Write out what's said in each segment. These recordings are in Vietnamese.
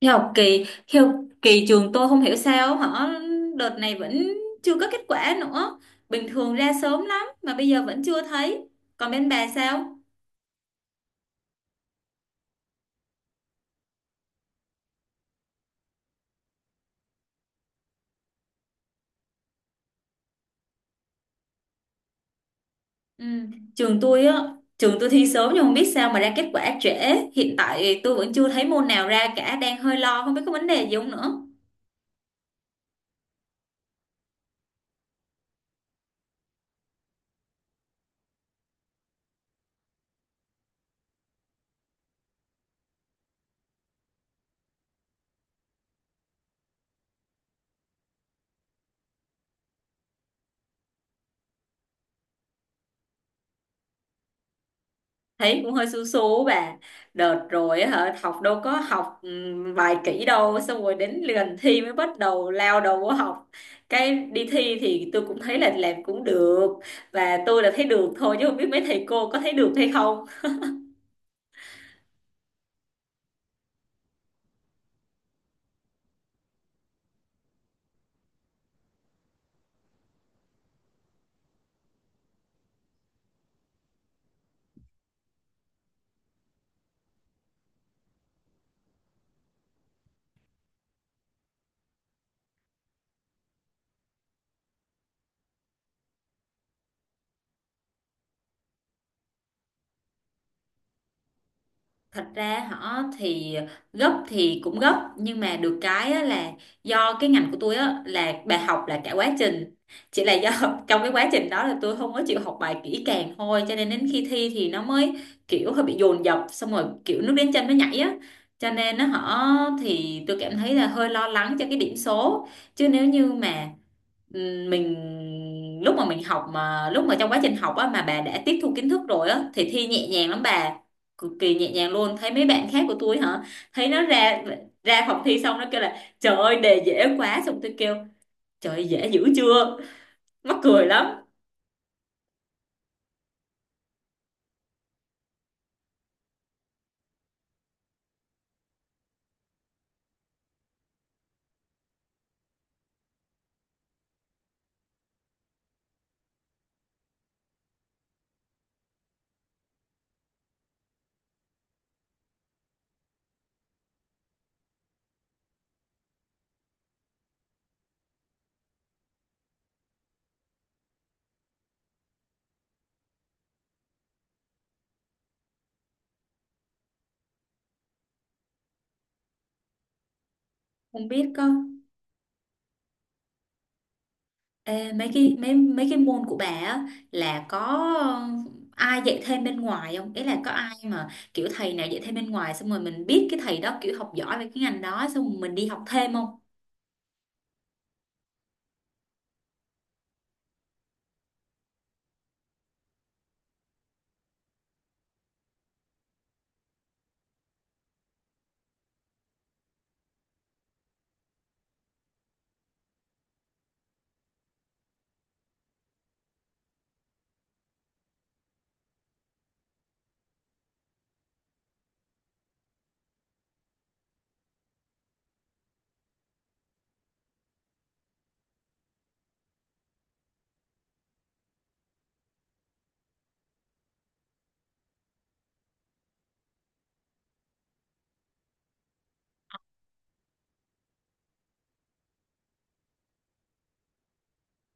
Thì học kỳ trường tôi không hiểu sao họ đợt này vẫn chưa có kết quả nữa, bình thường ra sớm lắm mà bây giờ vẫn chưa thấy. Còn bên bà sao? Ừ. trường tôi á Trường tôi thi sớm nhưng không biết sao mà ra kết quả trễ, hiện tại tôi vẫn chưa thấy môn nào ra cả, đang hơi lo không biết có vấn đề gì không nữa. Thấy cũng hơi xú xú bà, đợt rồi á hả học đâu có học vài kỹ đâu, xong rồi đến gần thi mới bắt đầu lao đầu vô học. Cái đi thi thì tôi cũng thấy là làm cũng được, và tôi là thấy được thôi chứ không biết mấy thầy cô có thấy được hay không. Thật ra họ thì gấp thì cũng gấp, nhưng mà được cái á là do cái ngành của tôi á là bài học là cả quá trình, chỉ là do trong cái quá trình đó là tôi không có chịu học bài kỹ càng thôi, cho nên đến khi thi thì nó mới kiểu hơi bị dồn dập, xong rồi kiểu nước đến chân nó nhảy á, cho nên nó họ thì tôi cảm thấy là hơi lo lắng cho cái điểm số. Chứ nếu như mà mình lúc mà mình học, mà lúc mà trong quá trình học á mà bà đã tiếp thu kiến thức rồi á thì thi nhẹ nhàng lắm bà, cực kỳ nhẹ nhàng luôn. Thấy mấy bạn khác của tôi hả, thấy nó ra ra phòng thi xong nó kêu là trời ơi đề dễ quá, xong tôi kêu trời ơi, dễ dữ chưa, mắc cười lắm. Không biết có. Ê, mấy cái môn của bà á là có ai dạy thêm bên ngoài không, ý là có ai mà kiểu thầy nào dạy thêm bên ngoài xong rồi mình biết cái thầy đó kiểu học giỏi về cái ngành đó xong rồi mình đi học thêm không?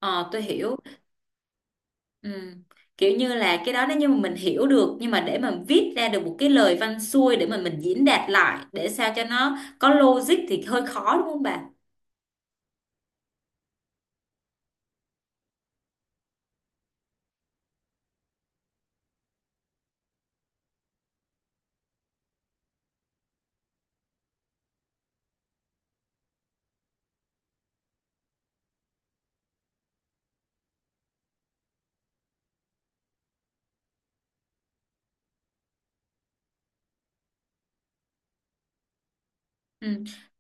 Ờ tôi hiểu. Ừ. Kiểu như là cái đó nếu như mà mình hiểu được nhưng mà để mà viết ra được một cái lời văn xuôi để mà mình diễn đạt lại để sao cho nó có logic thì hơi khó đúng không bà? Ừ.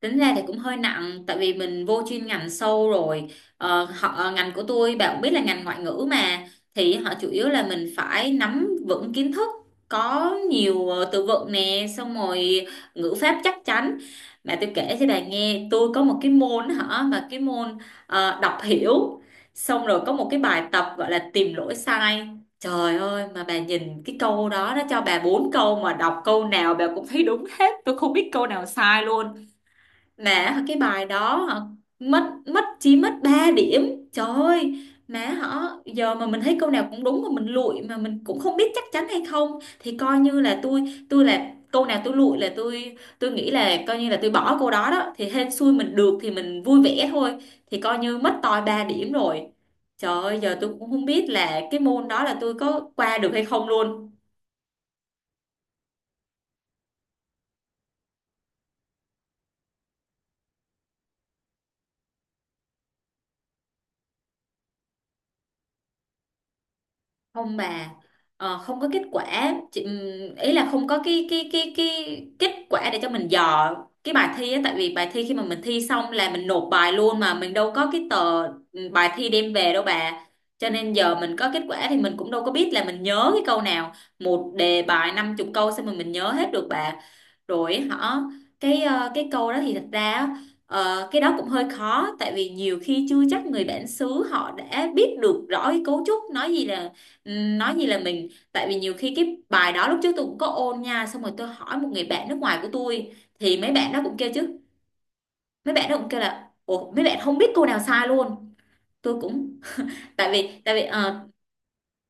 Tính ra thì cũng hơi nặng tại vì mình vô chuyên ngành sâu rồi. Ngành của tôi bạn cũng biết là ngành ngoại ngữ mà, thì họ chủ yếu là mình phải nắm vững kiến thức, có nhiều từ vựng nè, xong rồi ngữ pháp chắc chắn. Mà tôi kể cho bà nghe tôi có một cái môn hả, mà cái môn đọc hiểu, xong rồi có một cái bài tập gọi là tìm lỗi sai, trời ơi mà bà nhìn cái câu đó nó cho bà bốn câu mà đọc câu nào bà cũng thấy đúng hết, tôi không biết câu nào sai luôn. Mà cái bài đó hả, mất mất chỉ mất 3 điểm. Trời ơi, má họ giờ mà mình thấy câu nào cũng đúng mà mình lụi mà mình cũng không biết chắc chắn hay không thì coi như là tôi là câu nào tôi lụi là tôi nghĩ là coi như là tôi bỏ câu đó đó, thì hên xui mình được thì mình vui vẻ thôi, thì coi như mất toi 3 điểm rồi. Trời ơi, giờ tôi cũng không biết là cái môn đó là tôi có qua được hay không luôn. Không bà, không có kết quả chị, ý là không có cái kết quả để cho mình dò cái bài thi á, tại vì bài thi khi mà mình thi xong là mình nộp bài luôn mà mình đâu có cái tờ bài thi đem về đâu bà, cho nên giờ mình có kết quả thì mình cũng đâu có biết là mình nhớ cái câu nào. Một đề bài 50 câu sao mà mình nhớ hết được bà. Rồi họ cái cái câu đó thì thật ra á, cái đó cũng hơi khó, tại vì nhiều khi chưa chắc người bản xứ họ đã biết được rõ cái cấu trúc, nói gì là mình, tại vì nhiều khi cái bài đó lúc trước tôi cũng có ôn nha, xong rồi tôi hỏi một người bạn nước ngoài của tôi thì mấy bạn đó cũng kêu chứ, mấy bạn đó cũng kêu là ủa mấy bạn không biết câu nào sai luôn, tôi cũng tại vì tại vì ờ,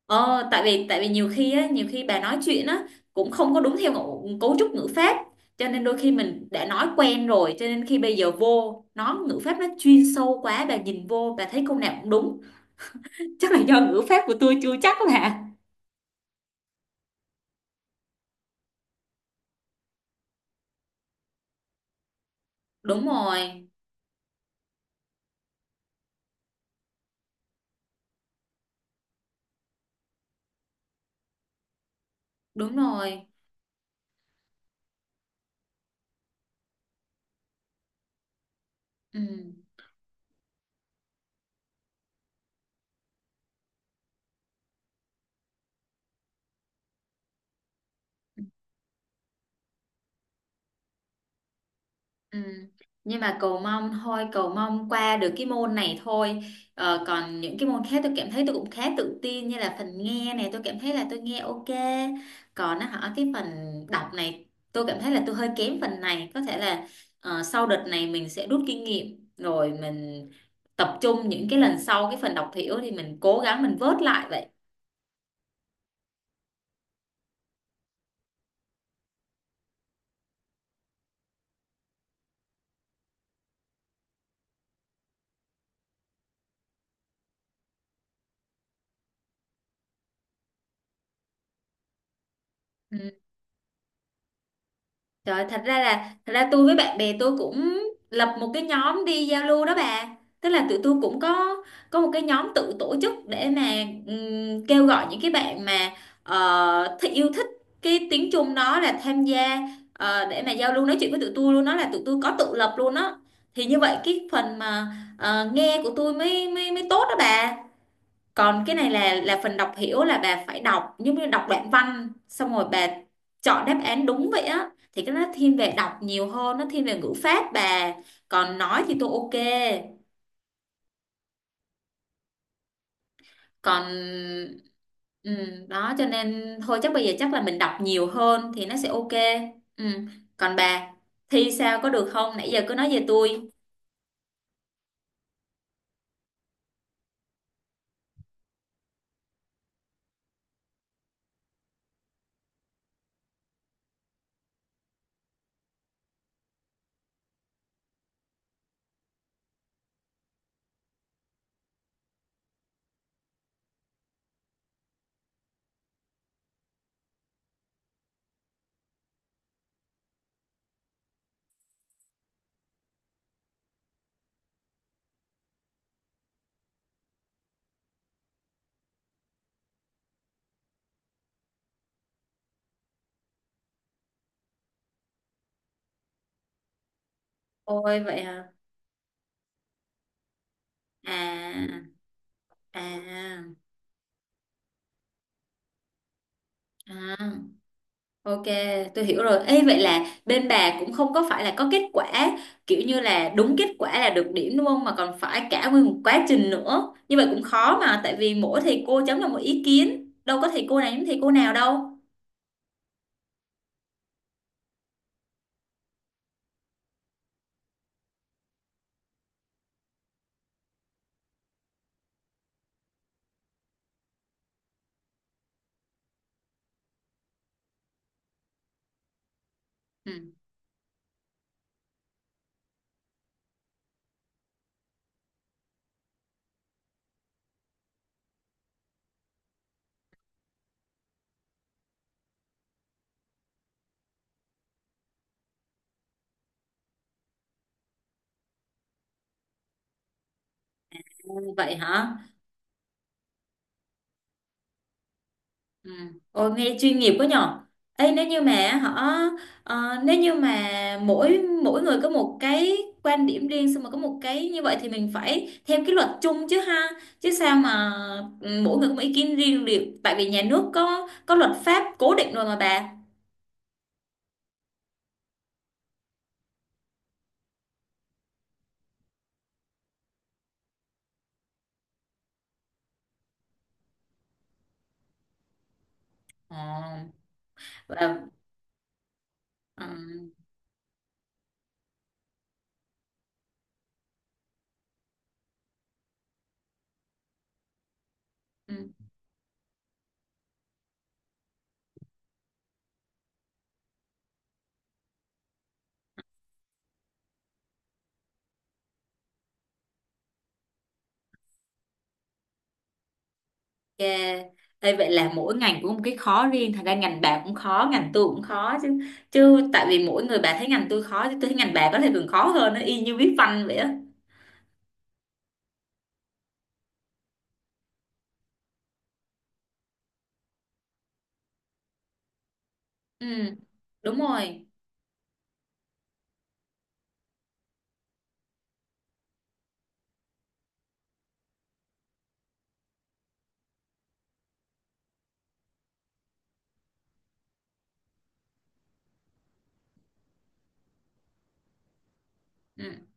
Ờ, tại vì tại vì nhiều khi á, nhiều khi bà nói chuyện á cũng không có đúng theo cấu trúc ngữ pháp, cho nên đôi khi mình đã nói quen rồi, cho nên khi bây giờ vô nó ngữ pháp nó chuyên sâu quá bà nhìn vô bà thấy câu nào cũng đúng. Chắc là do ngữ pháp của tôi chưa chắc bà. Đúng rồi, đúng rồi. Ừ. Ừ. Nhưng mà cầu mong thôi, cầu mong qua được cái môn này thôi, còn những cái môn khác tôi cảm thấy tôi cũng khá tự tin, như là phần nghe này tôi cảm thấy là tôi nghe ok, còn nó hỏi cái phần đọc này tôi cảm thấy là tôi hơi kém phần này, có thể là sau đợt này mình sẽ rút kinh nghiệm rồi mình tập trung những cái lần sau, cái phần đọc hiểu thì mình cố gắng mình vớt lại vậy. Ừ. Trời, thật ra tôi với bạn bè tôi cũng lập một cái nhóm đi giao lưu đó bà. Tức là tụi tôi cũng có một cái nhóm tự tổ chức để mà kêu gọi những cái bạn mà ờ, thích yêu thích cái tiếng Trung đó là tham gia, để mà giao lưu nói chuyện với tụi tôi luôn đó, là tụi tôi có tự lập luôn đó. Thì như vậy cái phần mà nghe của tôi mới mới mới tốt đó bà, còn cái này là phần đọc hiểu là bà phải đọc giống như đọc đoạn văn xong rồi bà chọn đáp án đúng vậy á, thì cái đó nó thiên về đọc nhiều hơn, nó thiên về ngữ pháp bà. Còn nói thì tôi ok. Còn ừ, đó cho nên thôi, chắc bây giờ chắc là mình đọc nhiều hơn thì nó sẽ ok. Ừ. Còn bà thi sao có được không, nãy giờ cứ nói về tôi. Ôi vậy hả. À. À. À. Ok, tôi hiểu rồi. Ê, vậy là bên bà cũng không có phải là có kết quả kiểu như là đúng kết quả là được điểm đúng không? Mà còn phải cả nguyên một quá trình nữa. Như vậy cũng khó mà, tại vì mỗi thầy cô chấm là một ý kiến. Đâu có thầy cô này giống thầy cô nào đâu. Ừ, vậy hả? Ừ. Ôi, nghe chuyên nghiệp quá nhở. Ấy nếu như mà họ nếu như mà mỗi mỗi người có một cái quan điểm riêng, xong mà có một cái như vậy thì mình phải theo cái luật chung chứ ha, chứ sao mà ừ, mỗi người có một ý kiến riêng được, tại vì nhà nước có luật pháp cố định rồi mà bà. Ờ, và ừ, ừ, ok. Ê, vậy là mỗi ngành cũng có một cái khó riêng, thật ra ngành bà cũng khó ngành tôi cũng khó chứ, chứ tại vì mỗi người bà thấy ngành tôi khó chứ tôi thấy ngành bà có thể còn khó hơn, nó y như viết văn vậy á. Ừ, đúng rồi. Ừ.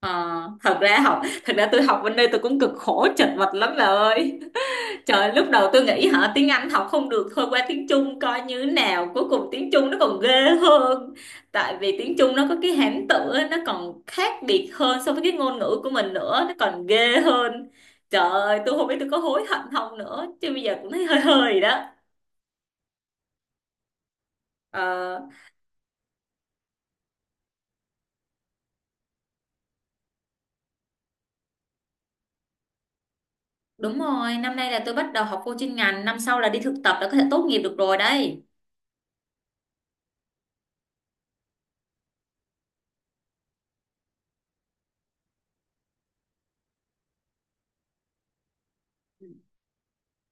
Ờ, thật ra tôi học bên đây tôi cũng cực khổ chật vật lắm bà ơi. Trời, lúc đầu tôi nghĩ hả tiếng Anh học không được thôi qua tiếng Trung coi như thế nào. Cuối cùng tiếng Trung nó còn ghê hơn. Tại vì tiếng Trung nó có cái hán tự á, nó còn khác biệt hơn so với cái ngôn ngữ của mình nữa, nó còn ghê hơn. Trời ơi, tôi không biết tôi có hối hận không nữa, chứ bây giờ cũng thấy hơi hơi đó. Ờ, đúng rồi, năm nay là tôi bắt đầu học vô chuyên ngành, năm sau là đi thực tập là có thể tốt nghiệp được rồi đấy.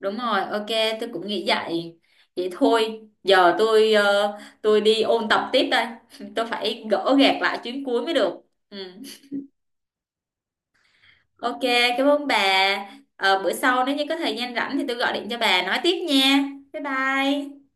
Đúng rồi, ok, tôi cũng nghĩ vậy. Vậy thôi, giờ tôi tôi đi ôn tập tiếp đây. Tôi phải gỡ gạc lại chuyến cuối mới được. Ừ. Ok, cảm ơn bà. Ờ, bữa sau nếu như có thời gian rảnh thì tôi gọi điện cho bà nói tiếp nha. Bye bye.